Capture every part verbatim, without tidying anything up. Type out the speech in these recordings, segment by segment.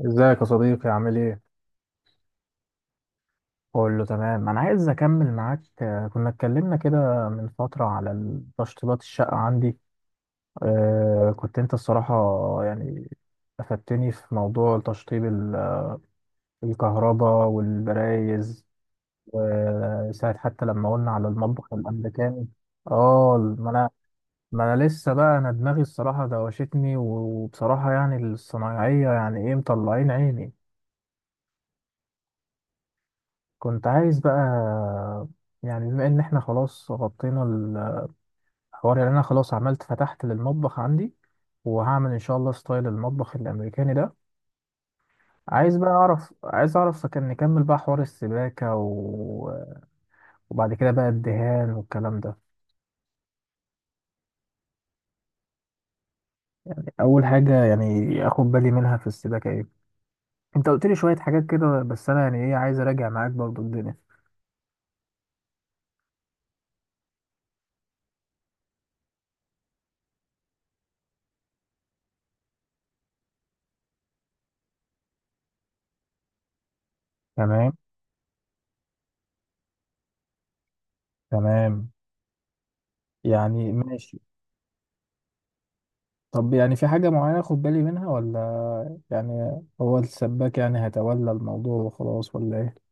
ازيك يا صديقي عامل ايه؟ قول له تمام انا عايز اكمل معاك آه، كنا اتكلمنا كده من فترة على ال- تشطيبات الشقة عندي. آه، كنت انت الصراحة، يعني افدتني في موضوع تشطيب ال- الكهرباء والبرايز، وساعة حتى لما قلنا على المطبخ الامريكاني. اه، ما انا ما انا لسه بقى، انا دماغي الصراحة دوشتني، وبصراحة يعني الصنايعية يعني ايه مطلعين عيني. كنت عايز بقى، يعني بما ان احنا خلاص غطينا الحوار، يعني انا خلاص عملت فتحت للمطبخ عندي، وهعمل ان شاء الله ستايل المطبخ الامريكاني ده. عايز بقى اعرف، عايز اعرف كان نكمل بقى حوار السباكة، و... وبعد كده بقى الدهان والكلام ده. اول حاجة يعني اخد بالي منها في السباكة ايه؟ انت قلت لي شوية حاجات كده، بس انا يعني ايه عايز اراجع معاك برضو الدنيا. تمام، تمام، يعني ماشي. طب يعني في حاجة معينة أخد بالي منها، ولا يعني هو السباك يعني هيتولى الموضوع وخلاص ولا إيه؟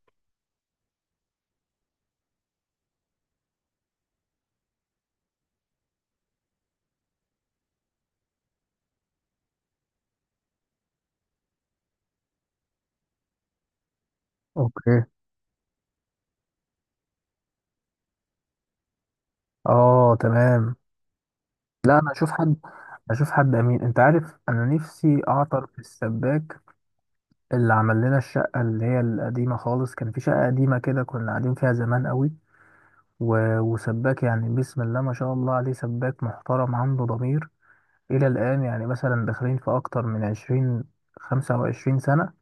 اوكي، اه تمام. لا انا اشوف حد، اشوف حد امين، انت عارف انا نفسي اعطر في السباك اللي عمل لنا الشقه اللي هي القديمه خالص. كان في شقه قديمه كده كنا قاعدين فيها زمان قوي، و... وسباك يعني بسم الله ما شاء الله عليه، سباك محترم عنده ضمير الى الان. يعني مثلا داخلين في اكتر من عشرين خمسة وعشرين سنه،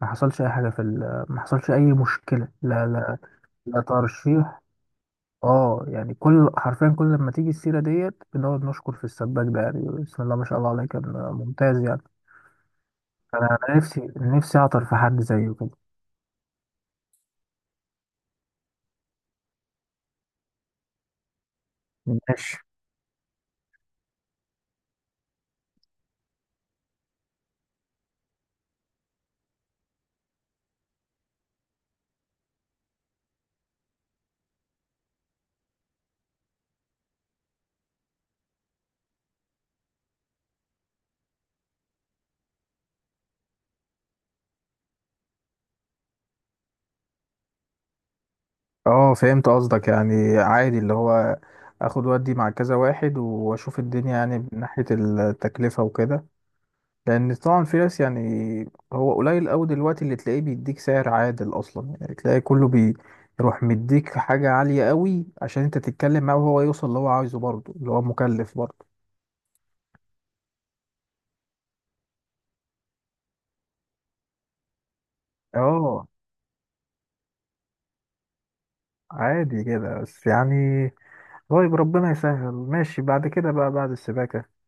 ما حصلش اي حاجه في ال... ما حصلش اي مشكله، لا لا، لا ترشيح. اه يعني كل حرفيا كل لما تيجي السيره ديت بنقعد نشكر في السباك ده، يعني بسم الله ما شاء الله عليه، كان ممتاز يعني. انا أنا نفسي نفسي اعطر في حد زيه كده. ماشي. اه فهمت قصدك، يعني عادي اللي هو اخد ودي مع كذا واحد، واشوف الدنيا يعني من ناحية التكلفة وكده. لان طبعا في ناس يعني هو قليل قوي دلوقتي اللي تلاقيه بيديك سعر عادل اصلا، يعني تلاقي كله بيروح مديك حاجه عاليه قوي، عشان انت تتكلم معاه وهو يوصل اللي هو عايزه برضه اللي هو مكلف برضه. اه عادي كده بس يعني. طيب ربنا يسهل، ماشي. بعد كده بقى بعد السباكه،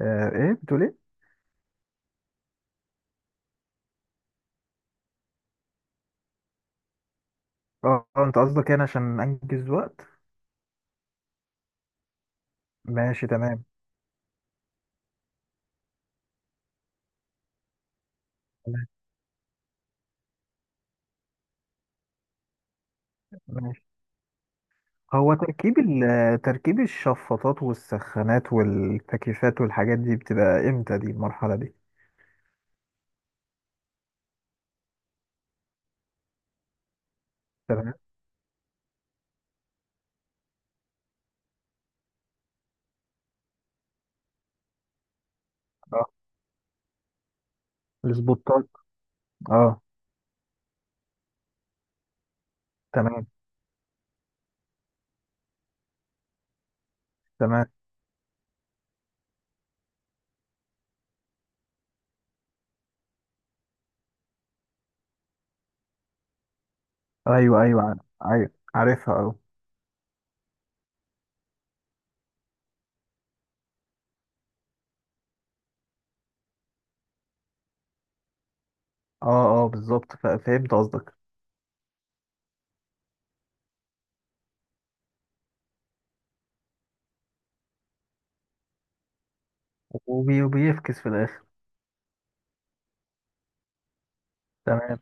آه ايه بتقول ايه؟ اه، آه، انت قصدك يعني عشان انجز وقت. ماشي تمام. تمام، ماشي. هو تركيب ال- تركيب الشفاطات والسخانات والتكييفات والحاجات دي بتبقى امتى؟ دي المرحلة دي. تمام. اه، السبوتات. اه. تمام، تمام. ايوه، ايوه عارف- ايوه عارفها اه. اه اه بالظبط، ف- فهمت قصدك. وبي- وبيفكس في الاخر. تمام.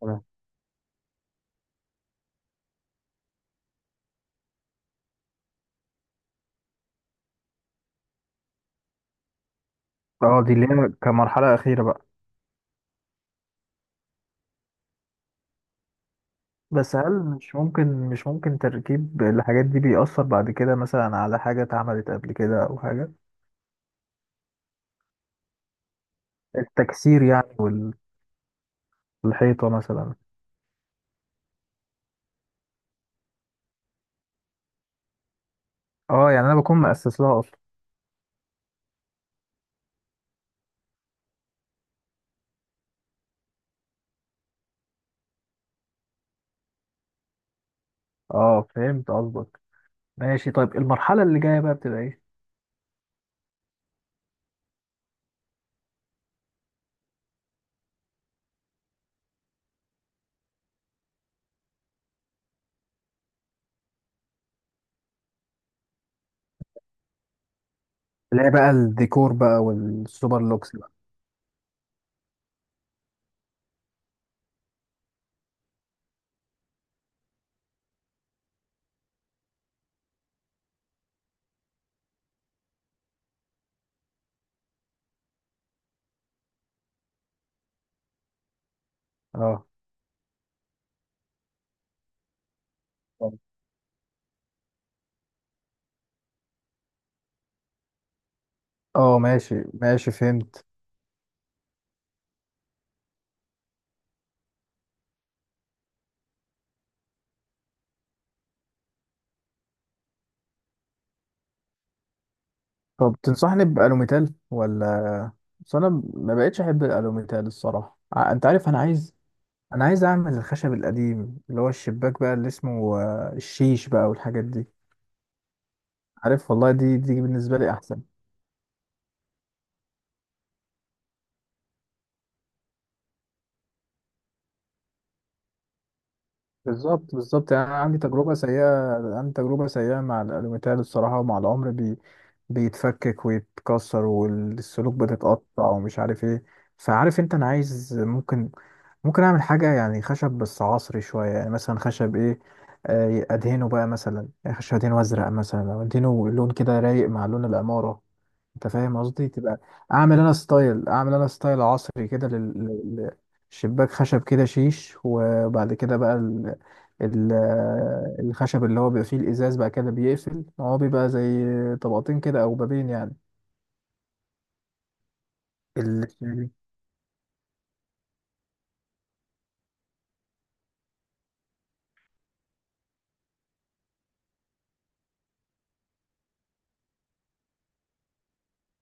تمام. اه دي اللي هي كمرحلة أخيرة بقى. بس هل مش ممكن، مش ممكن تركيب الحاجات دي بيأثر بعد كده مثلا على حاجة اتعملت قبل كده أو حاجة؟ التكسير يعني، والحيطة مثلا. اه يعني انا بكون مؤسس لها اصلا. اه فهمت قصدك. ماشي. طيب المرحله اللي جايه بقى بتبقى ايه؟ اللي هي بقى الديكور بقى والسوبر لوكس بقى. اه. اه ماشي ماشي فهمت. طب تنصحني بألوميتال، ولا بس انا ما بقتش احب الألوميتال الصراحة، ع- انت عارف انا عايز انا عايز اعمل الخشب القديم اللي هو الشباك بقى، اللي اسمه آه، الشيش بقى والحاجات دي. عارف والله، دي دي بالنسبة لي احسن. بالظبط، بالظبط، يعني انا عندي تجربه سيئه، عندي تجربه سيئه مع الالوميتال الصراحه، ومع العمر بي... بيتفكك ويتكسر والسلوك بتتقطع ومش عارف ايه. فعارف انت، انا عايز ممكن، ممكن اعمل حاجه يعني خشب بس عصري شويه، يعني مثلا خشب ايه، آه، ادهنه بقى، مثلا يعني خشب ادهنه ازرق، مثلا او ادهنه لون كده رايق مع لون العماره. انت فاهم قصدي تبقى اعمل انا ستايل، اعمل انا ستايل عصري كده لل... لل- شباك خشب كده شيش، وبعد كده بقى ال... ال... الخشب اللي هو بيبقى فيه الازاز بقى كده بيقفل، هو بيبقى زي طبقتين كده او بابين يعني. ال-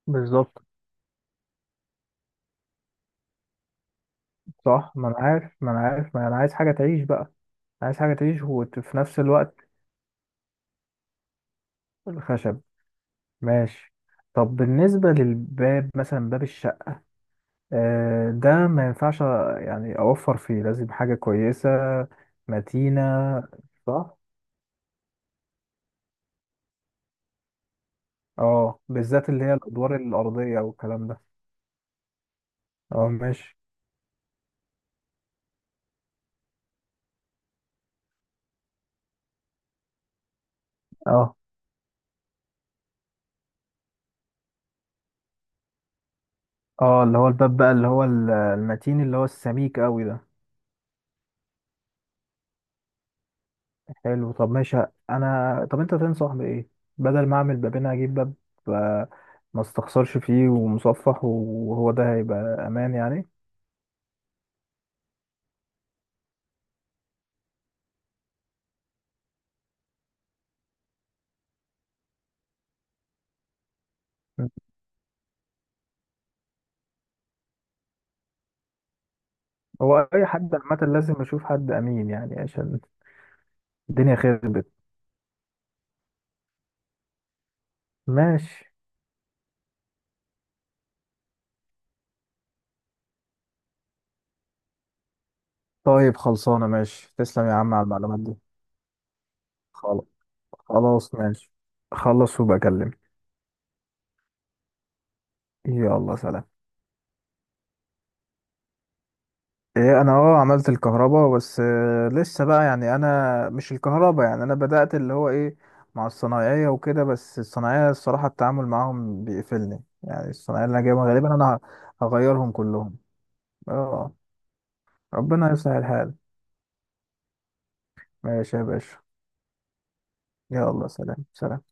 بالظبط. صح، ما انا عارف ما انا عارف ما انا عايز حاجه تعيش بقى، عايز حاجه تعيش وفي نفس الوقت. الخشب. ماشي. طب بالنسبه للباب مثلا، باب الشقه آه، ده ما ينفعش يعني اوفر فيه، لازم حاجة كويسة متينة. صح. اه بالذات اللي هي الادوار الارضية والكلام ده. اه ماشي. اه اه اللي هو الباب بقى، اللي هو ال- المتين، اللي هو السميك قوي ده. حلو. طب ماشي انا، طب انت تنصح بايه؟ بدل ما اعمل بابين هجيب باب آه، ما استخسرش فيه ومصفح، وهو ده هيبقى امان يعني. م. هو اي حد عامه لازم اشوف حد امين يعني، عشان الدنيا خربت. ماشي. طيب خلصانة، ماشي، تسلم يا عم على المعلومات دي. خلاص، خلاص ماشي. خلص وبقى اكلم. يلا سلام. ايه، انا اه عملت الكهرباء بس آه، لسه بقى، يعني انا مش الكهرباء، يعني انا بدأت اللي هو ايه مع الصنايعية وكده، بس الصنايعية الصراحة التعامل معاهم بيقفلني، يعني الصنايعية اللي انا جايبها غالبا انا هغيرهم كلهم. اه ربنا يصلح الحال. ماشي يا باشا. يلا سلام سلام.